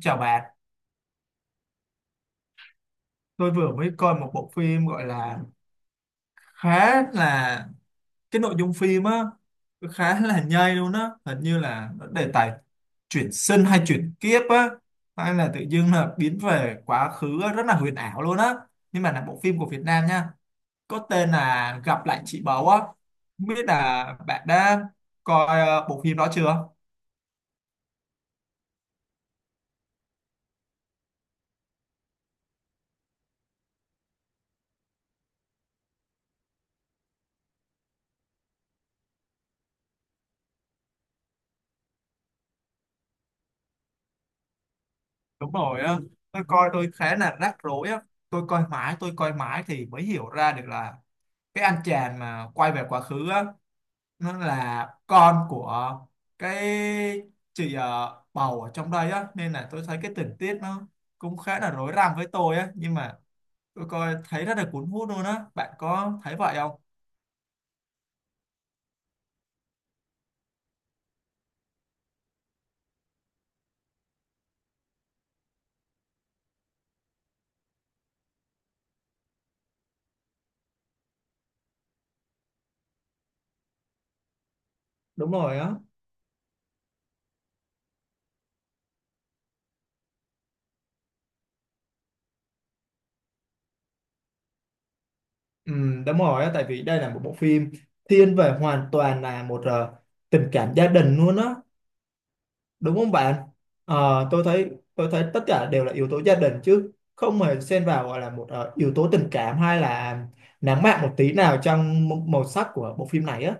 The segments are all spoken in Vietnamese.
Chào bạn, tôi vừa mới coi một bộ phim gọi là khá là cái nội dung phim á, khá là nhây luôn á. Hình như là nó đề tài chuyển sinh hay chuyển kiếp á, hay là tự dưng là biến về quá khứ á, rất là huyền ảo luôn á. Nhưng mà là bộ phim của Việt Nam nha, có tên là Gặp lại chị Báu á. Không biết là bạn đã coi bộ phim đó chưa? Đúng rồi á, tôi coi, khá là rắc rối á, tôi coi mãi thì mới hiểu ra được là cái anh chàng mà quay về quá khứ á nó là con của cái chị bầu ở trong đây á, nên là tôi thấy cái tình tiết nó cũng khá là rối rắm với tôi á, nhưng mà tôi coi thấy rất là cuốn hút luôn á. Bạn có thấy vậy không? Đúng rồi á. Ừ, đúng rồi á, tại vì đây là một bộ phim thiên về hoàn toàn là một tình cảm gia đình luôn á. Đúng không bạn? Ờ, tôi thấy tất cả đều là yếu tố gia đình chứ không hề xen vào gọi là một yếu tố tình cảm hay là nắng mạng một tí nào trong màu sắc của bộ phim này á.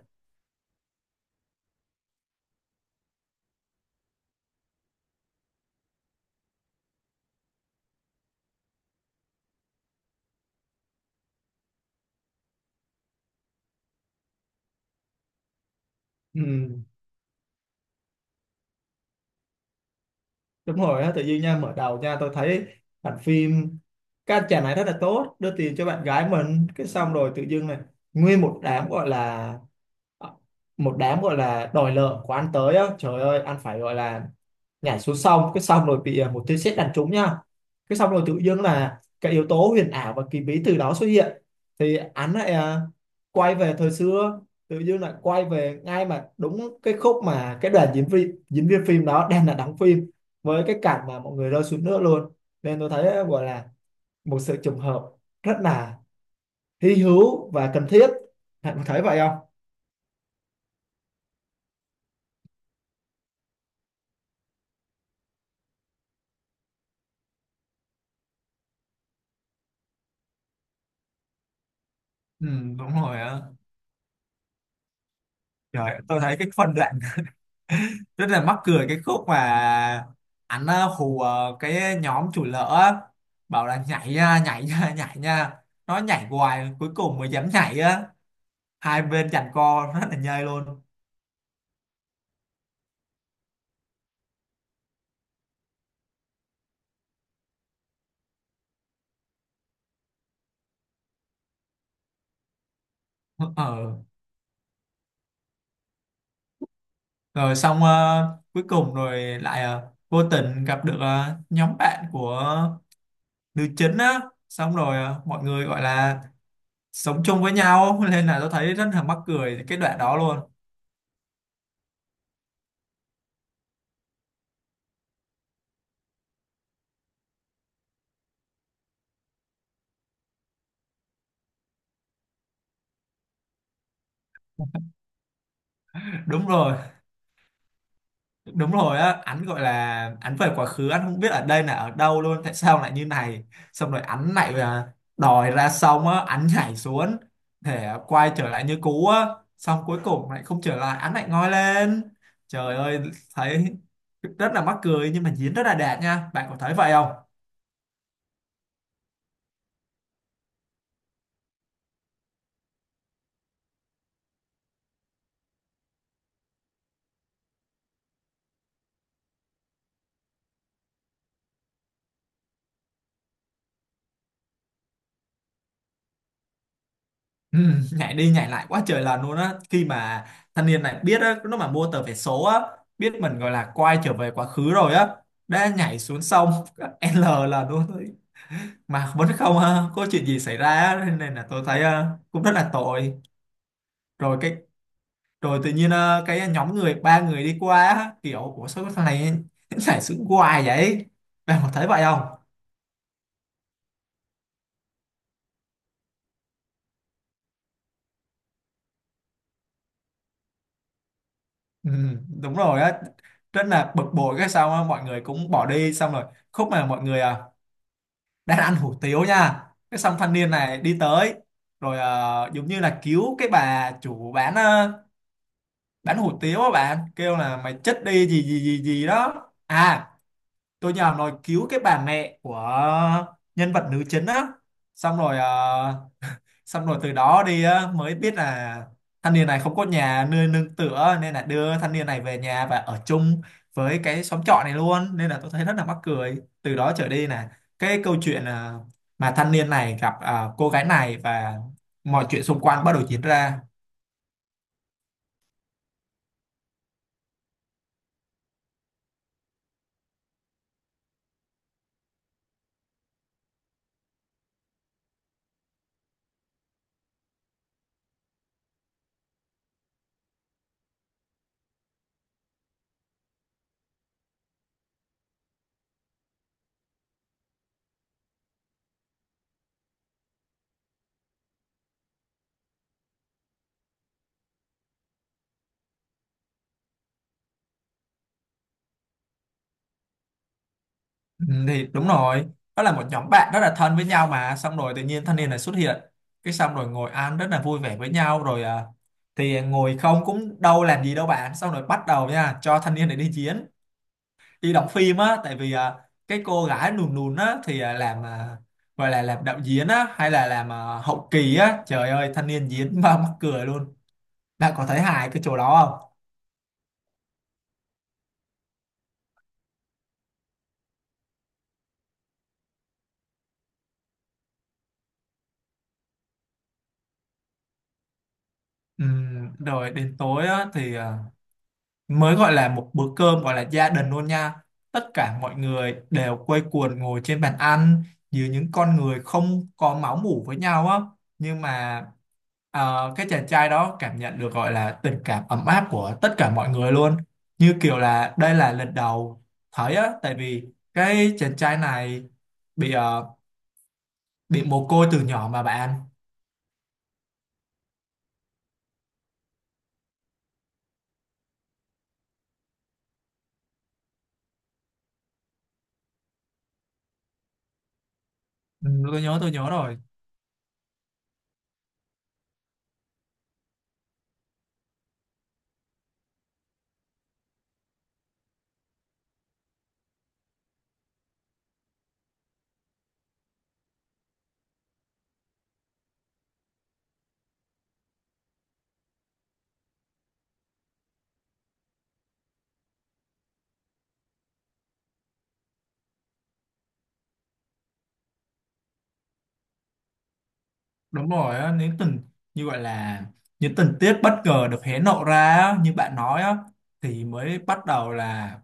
Ừ, đúng rồi á. Tự nhiên nha, mở đầu nha, tôi thấy bản phim các anh chàng này rất là tốt, đưa tiền cho bạn gái mình, cái xong rồi tự dưng này nguyên một đám gọi là ờ, một đám gọi là đòi nợ của anh tới á. Trời ơi, anh phải gọi là nhảy xuống sông, cái xong rồi bị một tia sét đánh trúng nha. Cái xong rồi tự dưng là cái yếu tố huyền ảo và kỳ bí từ đó xuất hiện, thì anh lại quay về thời xưa, tự dưng lại quay về ngay mà đúng cái khúc mà cái đoàn diễn viên phim đó đang là đóng phim với cái cảnh mà mọi người rơi xuống nước luôn. Nên tôi thấy gọi là một sự trùng hợp rất là hy hữu và cần thiết. Bạn có thấy vậy không? Ừ, đúng rồi á. Trời, tôi thấy cái phân đoạn rất là mắc cười cái khúc mà anh hù cái nhóm chủ lỡ á, bảo là nhảy nha, nhảy nha nhảy nha, nó nhảy hoài cuối cùng mới dám nhảy á, hai bên giằng co rất là nhây luôn. Ờ, rồi xong cuối cùng rồi lại vô tình gặp được nhóm bạn của nữ chính á, xong rồi mọi người gọi là sống chung với nhau nên là tôi thấy rất là mắc cười cái đoạn đó luôn. Đúng rồi, đúng rồi á. Anh gọi là anh về quá khứ, anh không biết ở đây là ở đâu luôn, tại sao lại như này, xong rồi anh lại đòi ra, xong á anh nhảy xuống để quay trở lại như cũ á, xong cuối cùng lại không trở lại, anh lại ngoi lên. Trời ơi, thấy rất là mắc cười nhưng mà diễn rất là đẹp nha. Bạn có thấy vậy không? Ừ, nhảy đi nhảy lại quá trời lần luôn á, khi mà thanh niên này biết á lúc mà mua tờ vé số á, biết mình gọi là quay trở về quá khứ rồi á, đã nhảy xuống sông L là luôn, mà vẫn không có chuyện gì xảy ra á, nên là tôi thấy cũng rất là tội. Rồi cái, rồi tự nhiên cái nhóm người ba người đi qua á, kiểu của số thằng này giải sự hoài vậy. Bạn có thấy vậy không? Ừ, đúng rồi á, rất là bực bội cái sao á, mọi người cũng bỏ đi, xong rồi khúc mà mọi người đang ăn hủ tiếu nha, cái xong thanh niên này đi tới, rồi giống như là cứu cái bà chủ bán bán hủ tiếu á, bạn kêu là mày chết đi gì gì gì gì đó. À, tôi nhớ nói cứu cái bà mẹ của nhân vật nữ chính á, xong rồi xong rồi từ đó đi á, mới biết là thanh niên này không có nhà nơi nương tựa, nên là đưa thanh niên này về nhà và ở chung với cái xóm trọ này luôn, nên là tôi thấy rất là mắc cười. Từ đó trở đi là cái câu chuyện mà thanh niên này gặp cô gái này và mọi chuyện xung quanh bắt đầu diễn ra. Ừ, thì đúng rồi, đó là một nhóm bạn rất là thân với nhau, mà xong rồi tự nhiên thanh niên này xuất hiện, cái xong rồi ngồi ăn rất là vui vẻ với nhau rồi thì ngồi không cũng đâu làm gì đâu bạn, xong rồi bắt đầu nha cho thanh niên này đi chiến, đi đóng phim á, tại vì cái cô gái lùn lùn á thì làm gọi là làm đạo diễn á, hay là làm hậu kỳ á. Trời ơi, thanh niên diễn mà mắc cười luôn. Bạn có thấy hài cái chỗ đó không? Rồi đến tối á thì mới gọi là một bữa cơm gọi là gia đình luôn nha, tất cả mọi người đều quây quần ngồi trên bàn ăn, dưới những con người không có máu mủ với nhau á, nhưng mà cái chàng trai đó cảm nhận được gọi là tình cảm ấm áp của tất cả mọi người luôn, như kiểu là đây là lần đầu thấy á, tại vì cái chàng trai này bị bị mồ côi từ nhỏ mà bạn. Ừ, tôi nhớ rồi. Đúng rồi á, nếu tình như gọi là những tình tiết bất ngờ được hé lộ ra á, như bạn nói á, thì mới bắt đầu là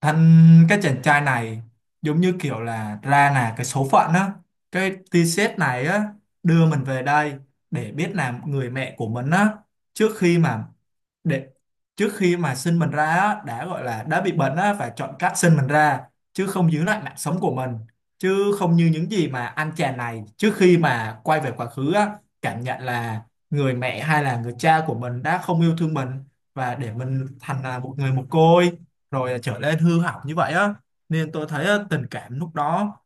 thằng cái chàng trai này giống như kiểu là ra là cái số phận á, cái t-shirt này á đưa mình về đây để biết là người mẹ của mình á, trước khi mà để trước khi mà sinh mình ra á, đã gọi là đã bị bệnh á và chọn cách sinh mình ra chứ không giữ lại mạng sống của mình, chứ không như những gì mà anh chàng này trước khi mà quay về quá khứ á cảm nhận là người mẹ hay là người cha của mình đã không yêu thương mình và để mình thành là một người mồ côi rồi trở nên hư hỏng như vậy á. Nên tôi thấy á, tình cảm lúc đó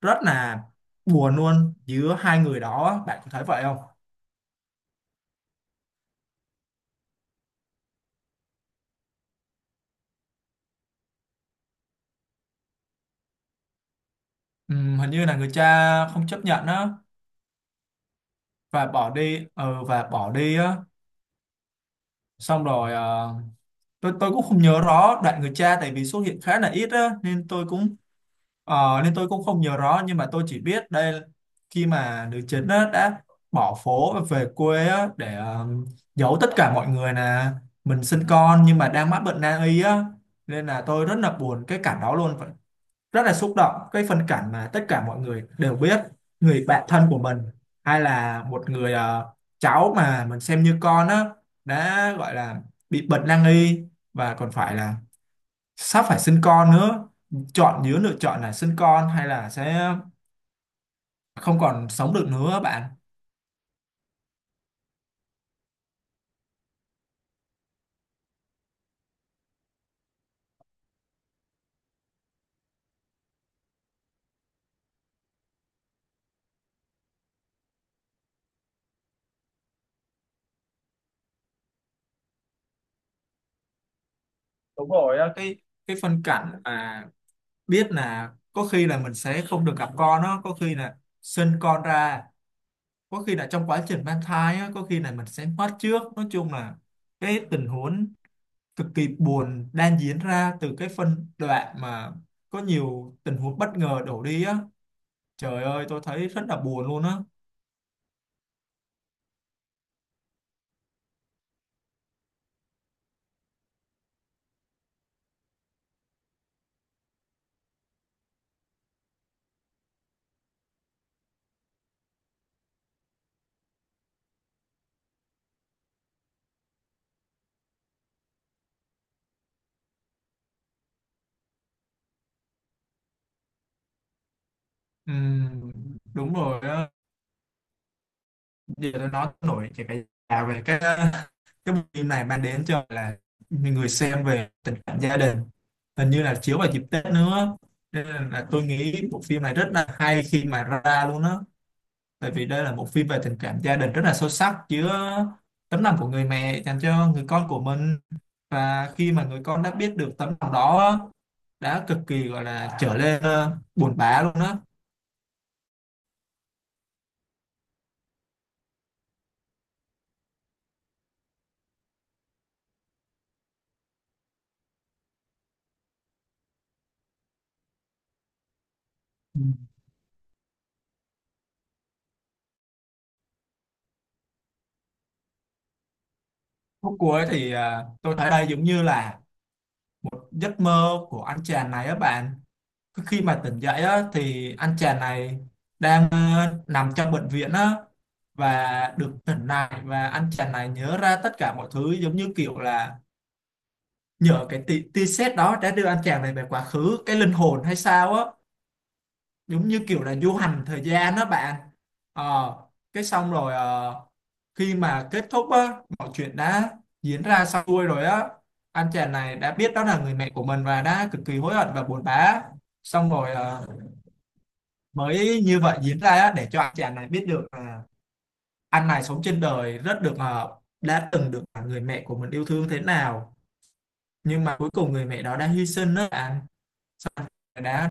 rất là buồn luôn giữa hai người đó á. Bạn có thấy vậy không? Hình như là người cha không chấp nhận á và bỏ đi, và bỏ đi á, xong rồi ờ, tôi cũng không nhớ rõ đoạn người cha, tại vì xuất hiện khá là ít á nên tôi cũng ờ, nên tôi cũng không nhớ rõ. Nhưng mà tôi chỉ biết đây, khi mà nữ chính á, đã bỏ phố và về quê á, để giấu tất cả mọi người là mình sinh con nhưng mà đang mắc bệnh nan y á, nên là tôi rất là buồn cái cảnh đó luôn. Rất là xúc động cái phân cảnh mà tất cả mọi người đều biết người bạn thân của mình hay là một người cháu mà mình xem như con á đã gọi là bị bệnh nan y và còn phải là sắp phải sinh con nữa, chọn giữa lựa chọn là sinh con hay là sẽ không còn sống được nữa bạn. Đúng rồi á, cái phân cảnh mà biết là có khi là mình sẽ không được gặp con đó, có khi là sinh con ra, có khi là trong quá trình mang thai á, có khi là mình sẽ mất trước, nói chung là cái tình huống cực kỳ buồn đang diễn ra từ cái phân đoạn mà có nhiều tình huống bất ngờ đổ đi á. Trời ơi, tôi thấy rất là buồn luôn á. Ừm, đúng rồi á. Điều đó nó nổi cái à, về cái bộ phim này mang đến cho, là, người xem về tình cảm gia đình, hình như là chiếu vào dịp Tết nữa, nên là tôi nghĩ bộ phim này rất là hay khi mà ra luôn á. Tại vì đây là một phim về tình cảm gia đình rất là sâu sắc, chứa tấm lòng của người mẹ dành cho người con của mình. Và khi mà người con đã biết được tấm lòng đó á, đã cực kỳ, gọi là, trở lên, buồn bã luôn á. Ừm, khúc cuối thì, tôi thấy đây giống như là giấc mơ của anh chàng này á bạn. Cứ khi mà tỉnh dậy á thì anh chàng này đang nằm trong bệnh viện á và được tỉnh lại, và anh chàng này nhớ ra tất cả mọi thứ, giống như kiểu là nhờ cái tia tia sét đó đã đưa anh chàng này về quá khứ, cái linh hồn hay sao á, giống như kiểu là du hành thời gian đó bạn. Ờ, cái xong rồi khi mà kết thúc á mọi chuyện đã diễn ra xong xuôi rồi á, anh chàng này đã biết đó là người mẹ của mình và đã cực kỳ hối hận và buồn bã, xong rồi mới như vậy diễn ra á để cho anh chàng này biết được là anh này sống trên đời rất được đã từng được người mẹ của mình yêu thương thế nào, nhưng mà cuối cùng người mẹ đó đã hy sinh đó bạn, đã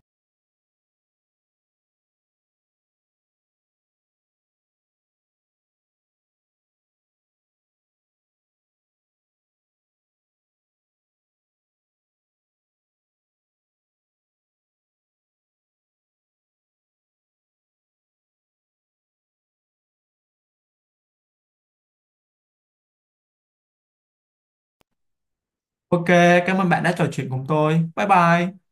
ok. Cảm ơn bạn đã trò chuyện cùng tôi, bye bye.